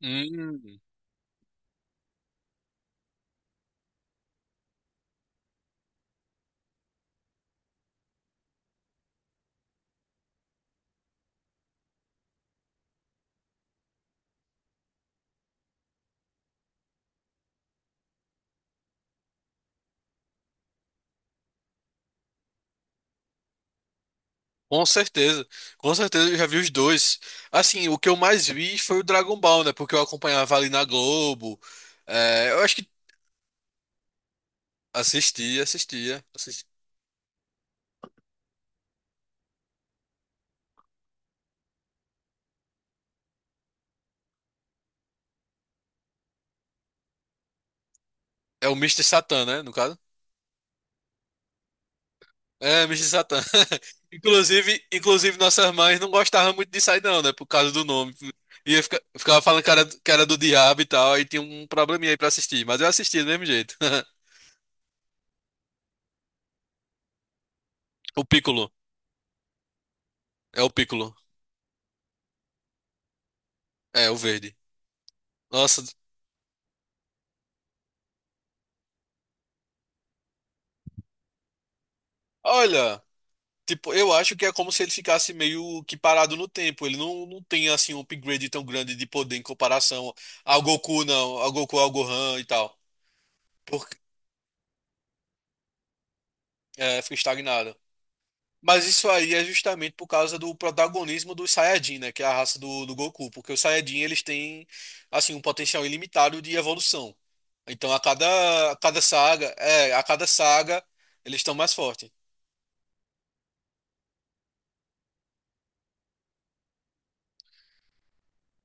Hum, com certeza, com certeza eu já vi os dois. Assim, o que eu mais vi foi o Dragon Ball, né? Porque eu acompanhava ali na Globo. É, eu acho que assistia, assistia, assistia. É o Mister Satan, né? No caso. É, Mister Satan. Inclusive, inclusive nossas mães não gostavam muito disso aí, não, né? Por causa do nome. E eu ficava falando que era do diabo e tal, aí tinha um probleminha aí pra assistir. Mas eu assistia do mesmo jeito. O Piccolo. É o Piccolo. É, o verde. Nossa, olha. Tipo, eu acho que é como se ele ficasse meio que parado no tempo. Ele não, não tem assim um upgrade tão grande de poder em comparação ao Goku, não, ao Goku, ao Gohan e tal. Porque é, fica estagnado. Mas isso aí é justamente por causa do protagonismo dos Saiyajin, né, que é a raça do Goku, porque os Saiyajin eles têm assim um potencial ilimitado de evolução. Então a cada saga, é, a cada saga eles estão mais fortes.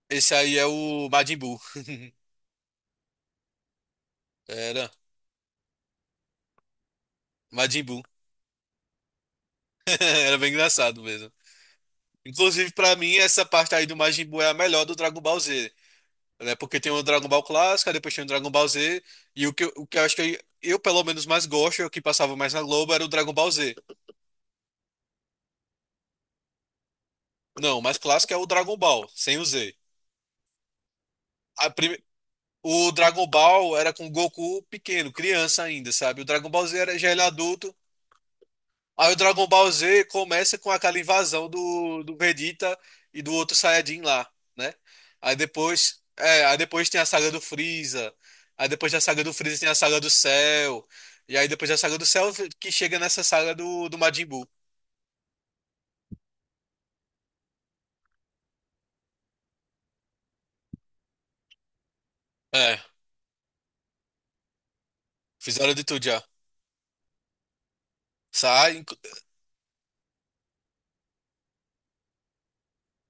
Esse aí é o Majin Buu. Era Majin Buu. Era bem engraçado mesmo. Inclusive, pra mim, essa parte aí do Majin Buu é a melhor do Dragon Ball Z, né? Porque tem o Dragon Ball clássico, aí depois tem o Dragon Ball Z, e o que eu acho que eu, pelo menos, mais gosto, é o que passava mais na Globo, era o Dragon Ball Z. Não, o mais clássico é o Dragon Ball, sem o Z. A prime- O Dragon Ball era com o Goku pequeno, criança ainda, sabe? O Dragon Ball Z era, já ele adulto. Aí o Dragon Ball Z começa com aquela invasão do Vegeta e do outro Saiyajin lá, né? Aí depois, é, aí depois tem a saga do Freeza. Aí depois da saga do Freeza tem a saga do Cell. E aí depois da saga do Cell que chega nessa saga do Majin Buu. É, fizeram de tudo já. Sai.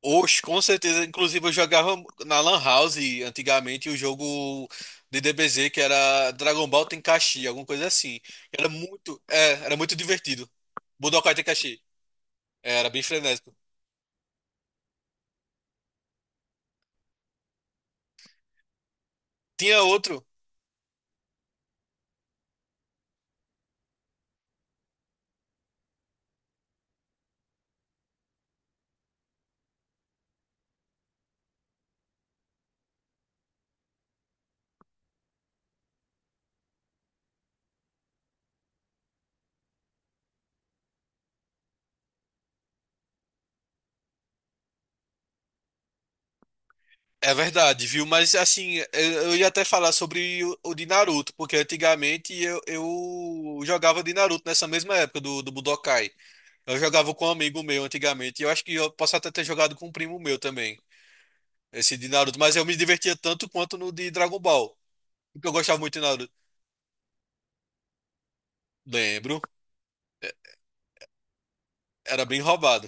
Oxe, com certeza. Inclusive, eu jogava na Lan House antigamente o jogo de DBZ que era Dragon Ball Tenkaichi, alguma coisa assim. Era era muito divertido. Budokai Tenkaichi. É, era bem frenético. Tinha outro, é verdade, viu? Mas assim, eu ia até falar sobre o de Naruto, porque antigamente eu jogava de Naruto nessa mesma época do Budokai. Eu jogava com um amigo meu antigamente, e eu acho que eu posso até ter jogado com um primo meu também. Esse de Naruto, mas eu me divertia tanto quanto no de Dragon Ball. Porque eu gostava muito de Naruto. Lembro, é, era bem roubado.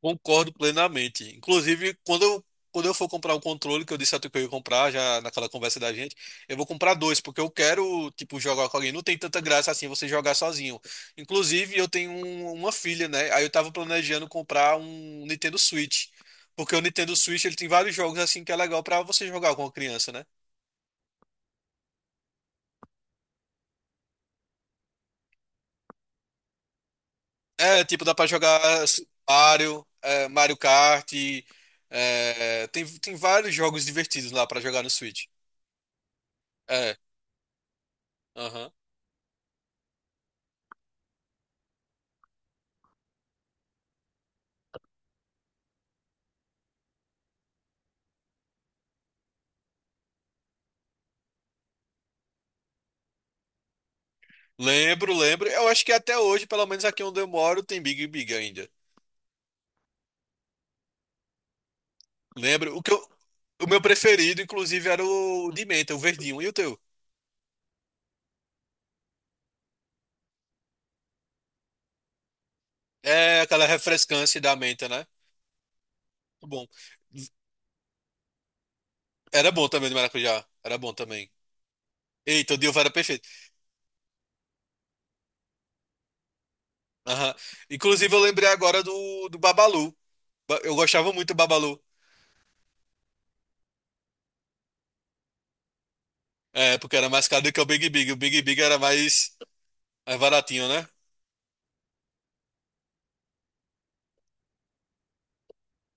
Concordo plenamente. Inclusive, quando eu for comprar um controle, que eu disse a tu que eu ia comprar já naquela conversa da gente, eu vou comprar dois, porque eu quero, tipo, jogar com alguém. Não tem tanta graça assim você jogar sozinho. Inclusive, eu tenho uma filha, né? Aí eu tava planejando comprar um Nintendo Switch. Porque o Nintendo Switch ele tem vários jogos assim que é legal pra você jogar com a criança, né? É, tipo, dá pra jogar Mario, é, Mario Kart, é, tem vários jogos divertidos lá pra jogar no Switch. É, aham. Lembro, lembro. Eu acho que até hoje, pelo menos aqui onde eu moro, tem Big Big ainda. Lembro. O meu preferido, inclusive, era o de menta, o verdinho. E o teu? É aquela refrescância da menta, né? Muito bom. Era bom também do maracujá. Era bom também. Eita, o Dilva era perfeito. Aham. Inclusive, eu lembrei agora do Babalu. Eu gostava muito do Babalu. É, porque era mais caro do que o Big Big. O Big Big era mais, mais baratinho, né?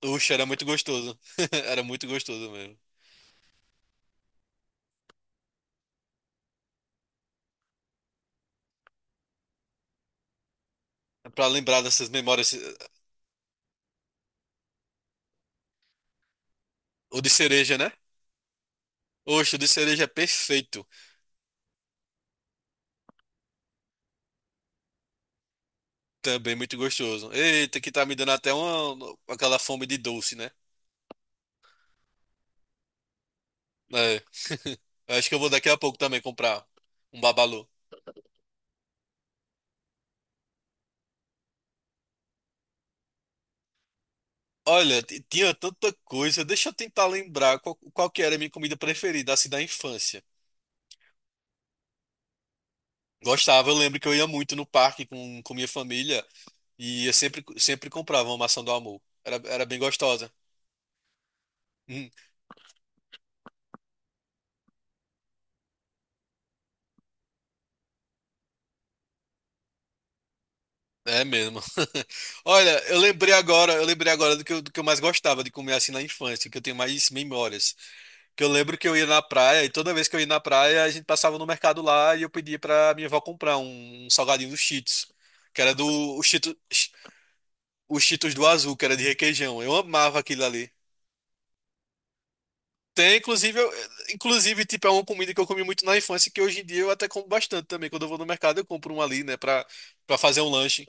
Uxa, era muito gostoso. Era muito gostoso mesmo. É, pra lembrar dessas memórias. O de cereja, né? Oxe, o de cereja é perfeito. Também muito gostoso. Eita, que tá me dando até uma, aquela fome de doce, né? É. Acho que eu vou daqui a pouco também comprar um babalu. Olha, tinha tanta coisa. Deixa eu tentar lembrar qual, qual que era a minha comida preferida, assim, da infância. Gostava, eu lembro que eu ia muito no parque com minha família. E eu sempre, sempre comprava uma maçã do amor. Era, era bem gostosa. Hum, é mesmo. Olha, eu lembrei agora do que eu mais gostava de comer assim na infância, que eu tenho mais memórias. Que eu lembro que eu ia na praia e toda vez que eu ia na praia, a gente passava no mercado lá e eu pedia pra minha avó comprar um salgadinho do Cheetos, que era do o Cheetos, o Cheetos do Azul, que era de requeijão. Eu amava aquilo ali. Tem, inclusive, inclusive, tipo, é uma comida que eu comi muito na infância, que hoje em dia eu até como bastante também. Quando eu vou no mercado, eu compro um ali, né, pra fazer um lanche.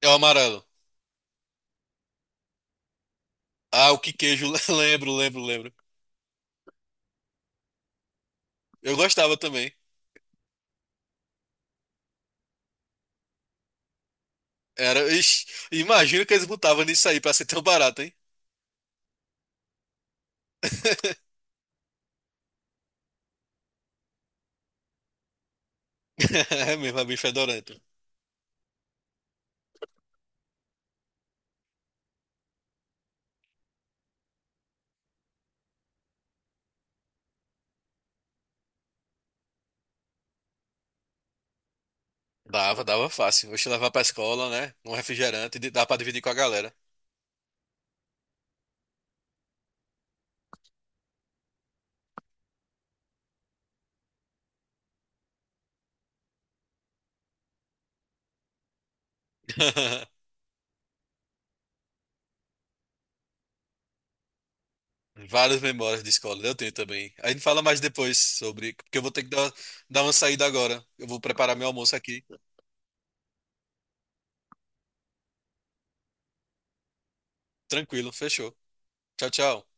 É o amarelo. Ah, o que queijo, lembro, lembro, lembro. Eu gostava também. Era, ixi, imagina que eles botavam nisso aí pra ser tão barato, hein? É mesmo, é bem fedorento. Dava, dava fácil. Hoje levar pra escola, né? Um refrigerante, e dá pra dividir com a galera. Várias memórias de escola, eu tenho também. A gente fala mais depois sobre, porque eu vou ter que dar uma saída agora. Eu vou preparar meu almoço aqui. Tranquilo, fechou. Tchau, tchau.